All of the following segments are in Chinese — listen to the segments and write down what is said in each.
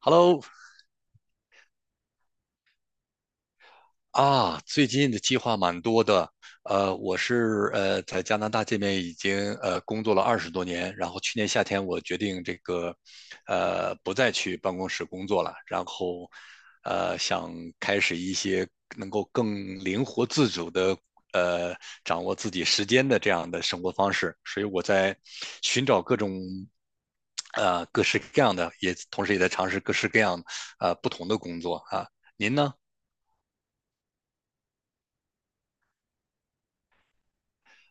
Hello 啊，最近的计划蛮多的。我是在加拿大这边已经工作了20多年，然后去年夏天我决定这个不再去办公室工作了，然后想开始一些能够更灵活自主的呃掌握自己时间的这样的生活方式，所以我在寻找各种各式各样的，也同时也在尝试各式各样不同的工作啊。您呢？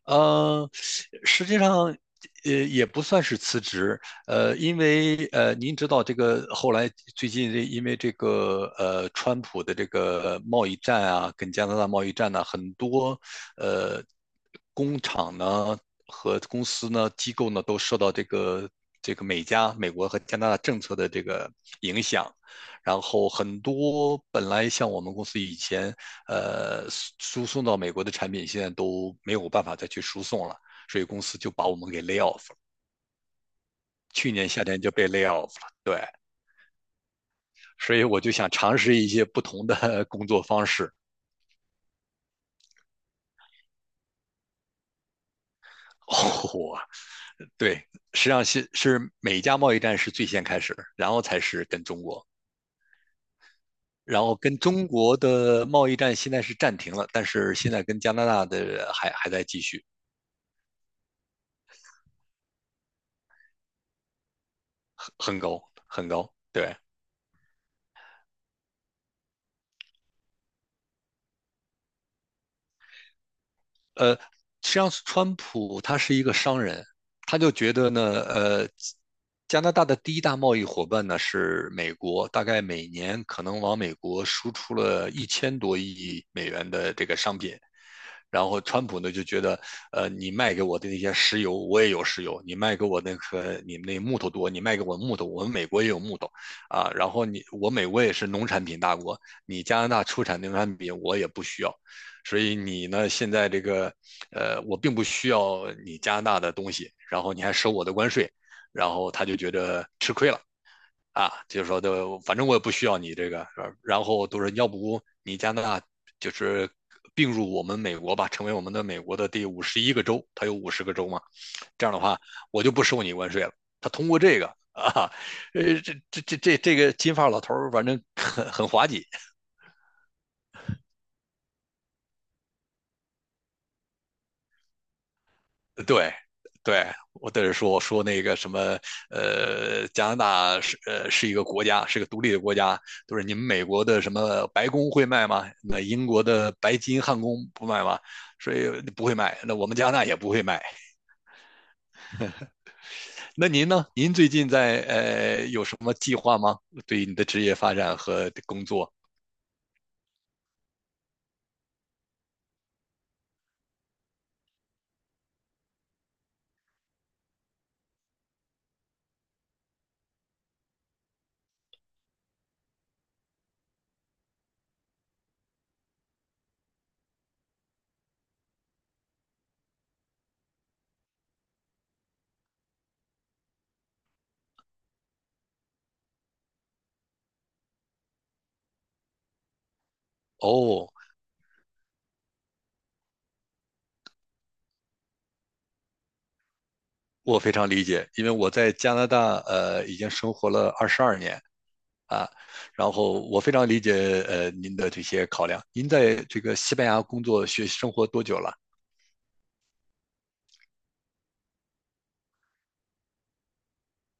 呃，实际上，也不算是辞职，因为您知道这个后来最近这因为这个川普的这个贸易战啊，跟加拿大贸易战呢、很多呃工厂呢和公司呢、机构呢都受到这个美国和加拿大政策的这个影响，然后很多本来像我们公司以前呃输送到美国的产品，现在都没有办法再去输送了，所以公司就把我们给 lay off 了。去年夏天就被 lay off 了，对，所以我就想尝试一些不同的 工作方式。哦，对，实际上是美加贸易战是最先开始，然后才是跟中国。然后跟中国的贸易战现在是暂停了，但是现在跟加拿大的还在继续，很很高很高，对。呃，实际上川普他是一个商人，他就觉得呢，加拿大的第一大贸易伙伴呢是美国，大概每年可能往美国输出了1000多亿美元的这个商品，然后川普呢就觉得，你卖给我的那些石油，我也有石油；你卖给我那个你们那木头多，你卖给我木头，我们美国也有木头啊。然后你我美国也是农产品大国，你加拿大出产农产品我也不需要，所以你呢现在这个，我并不需要你加拿大的东西，然后你还收我的关税，然后他就觉得吃亏了。啊，就是说的，反正我也不需要你这个，是吧然后都是要不你加拿大就是并入我们美国吧，成为我们的美国的第51个州，它有50个州嘛，这样的话我就不收你关税了。他通过这个啊，这个金发老头儿反正很很滑稽对，对，我在这说，我说那个什么，加拿大是一个国家，是个独立的国家，就是你们美国的什么白宫会卖吗？那英国的白金汉宫不卖吗？所以不会卖，那我们加拿大也不会卖。那您呢？您最近在有什么计划吗？对于你的职业发展和工作？哦，我非常理解，因为我在加拿大已经生活了22年，啊，然后我非常理解您的这些考量。您在这个西班牙工作学习、生活多久了？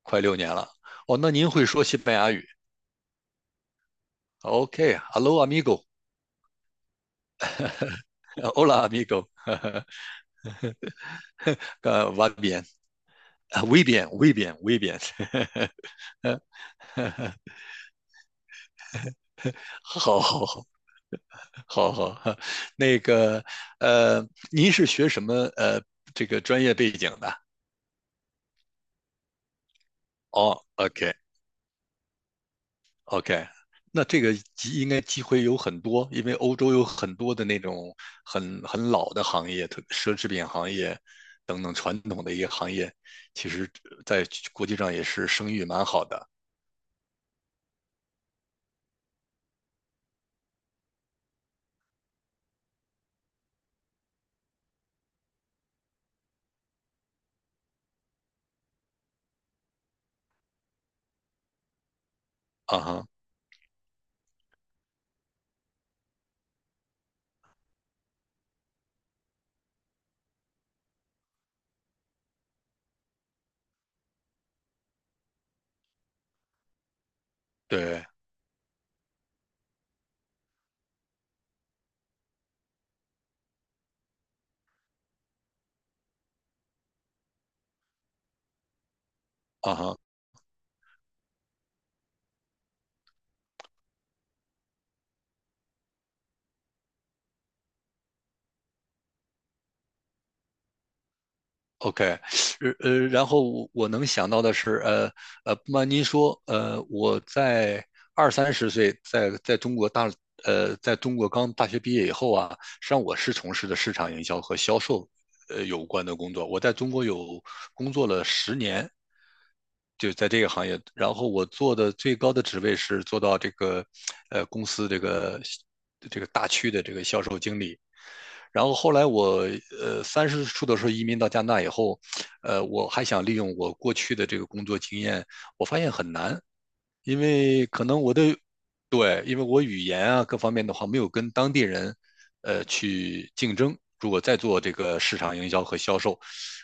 快6年了。哦，那您会说西班牙语？OK，Hello、amigo，Hola amigo，va bien，啊，muy bien，muy b i e n m u bien，好好好好好，那个呃，您是学什么这个专业背景的？哦，OK，OK，那这个应该机会有很多，因为欧洲有很多的那种很很老的行业，特奢侈品行业等等传统的一个行业，其实在国际上也是声誉蛮好的啊哈，对啊哈。OK，然后我能想到的是，不瞒您说，我在二三十岁在中国刚大学毕业以后啊，实际上我是从事的市场营销和销售，有关的工作。我在中国有工作了十年，就在这个行业。然后我做的最高的职位是做到这个，公司这个大区的这个销售经理。然后后来我30出头的时候移民到加拿大以后，我还想利用我过去的这个工作经验，我发现很难，因为可能我的对，因为我语言啊各方面的话没有跟当地人去竞争。如果再做这个市场营销和销售，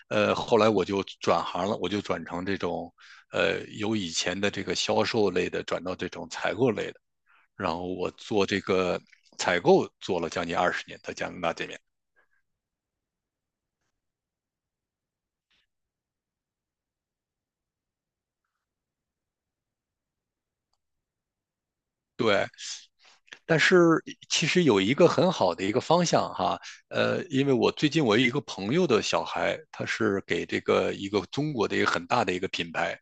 后来我就转行了，我就转成这种由以前的这个销售类的转到这种采购类的，然后我做这个采购做了将近20年，在加拿大这边。对，但是其实有一个很好的一个方向哈，因为我最近我有一个朋友的小孩，他是给这个一个中国的一个很大的一个品牌，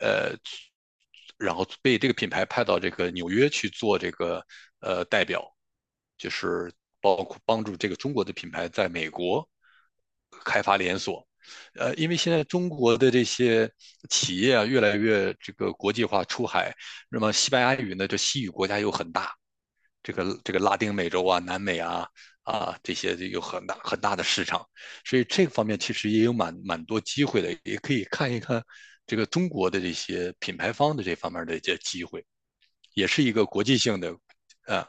呃，然后被这个品牌派到这个纽约去做这个代表，就是包括帮助这个中国的品牌在美国开发连锁。因为现在中国的这些企业啊，越来越这个国际化出海，那么西班牙语呢，这西语国家又很大，这个拉丁美洲啊、南美啊这些有很大很大的市场，所以这个方面其实也有蛮蛮多机会的，也可以看一看这个中国的这些品牌方的这方面的一些机会，也是一个国际性的，呃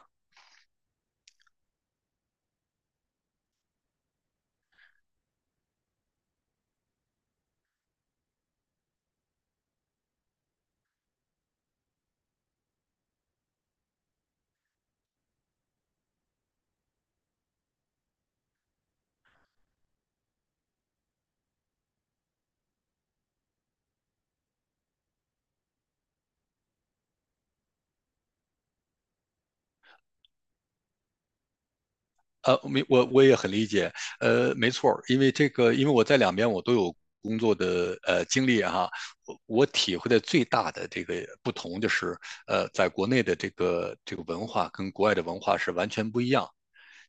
没我也很理解，没错，因为我在两边我都有。工作的经历啊哈、啊我体会的最大的这个不同就是，在国内的这个文化跟国外的文化是完全不一样。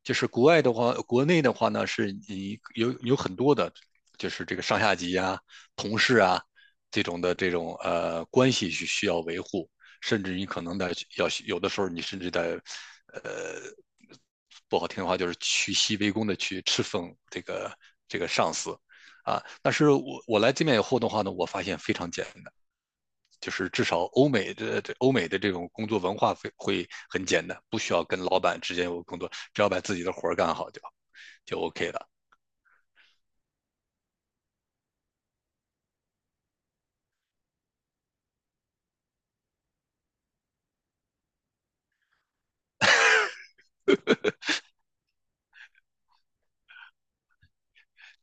就是国外的话，国内的话呢，是你有很多的，就是这个上下级啊、同事啊这种关系需要维护，甚至你可能的要有的时候你甚至在呃不好听的话就是屈膝为恭的去侍奉这个上司啊。但是我来这边以后的话呢，我发现非常简单。就是至少欧美的这种工作文化会很简单，不需要跟老板之间有工作，只要把自己的活儿干好就 OK 了。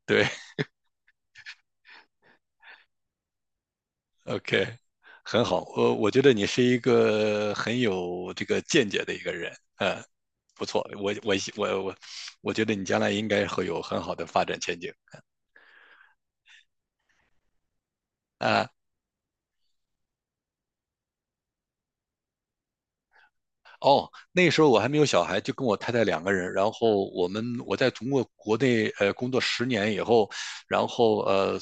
对，OK，很好。我觉得你是一个很有这个见解的一个人，嗯，不错。我觉得你将来应该会有很好的发展前景啊。哦，那时候我还没有小孩，就跟我太太两个人。然后我在中国国内工作十年以后，然后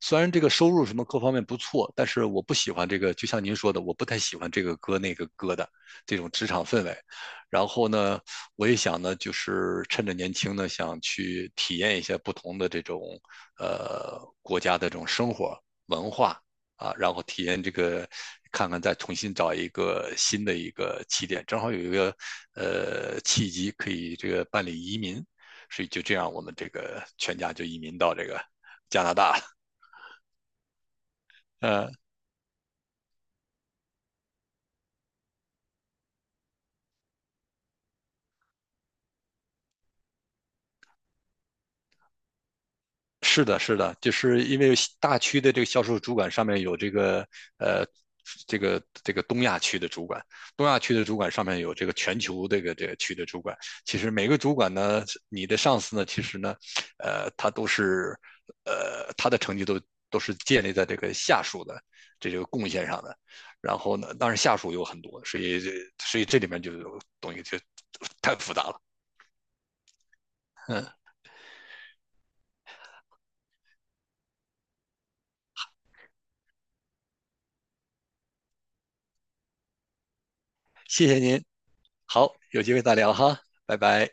虽然这个收入什么各方面不错，但是我不喜欢这个，就像您说的，我不太喜欢这个哥那个哥的这种职场氛围。然后呢，我也想呢，就是趁着年轻呢，想去体验一下不同的这种国家的这种生活文化。啊，然后体验这个，看看再重新找一个新的一个起点，正好有一个契机可以这个办理移民，所以就这样我们这个全家就移民到这个加拿大了，呃。是的，是的，就是因为大区的这个销售主管上面有这个呃，这个东亚区的主管，东亚区的主管上面有这个全球这个区的主管。其实每个主管呢，你的上司呢，其实呢，他都是他的成绩都是建立在这个下属的这个贡献上的。然后呢，当然下属有很多，所以这里面就有东西就太复杂了。嗯，谢谢您，好，有机会再聊哈，拜拜。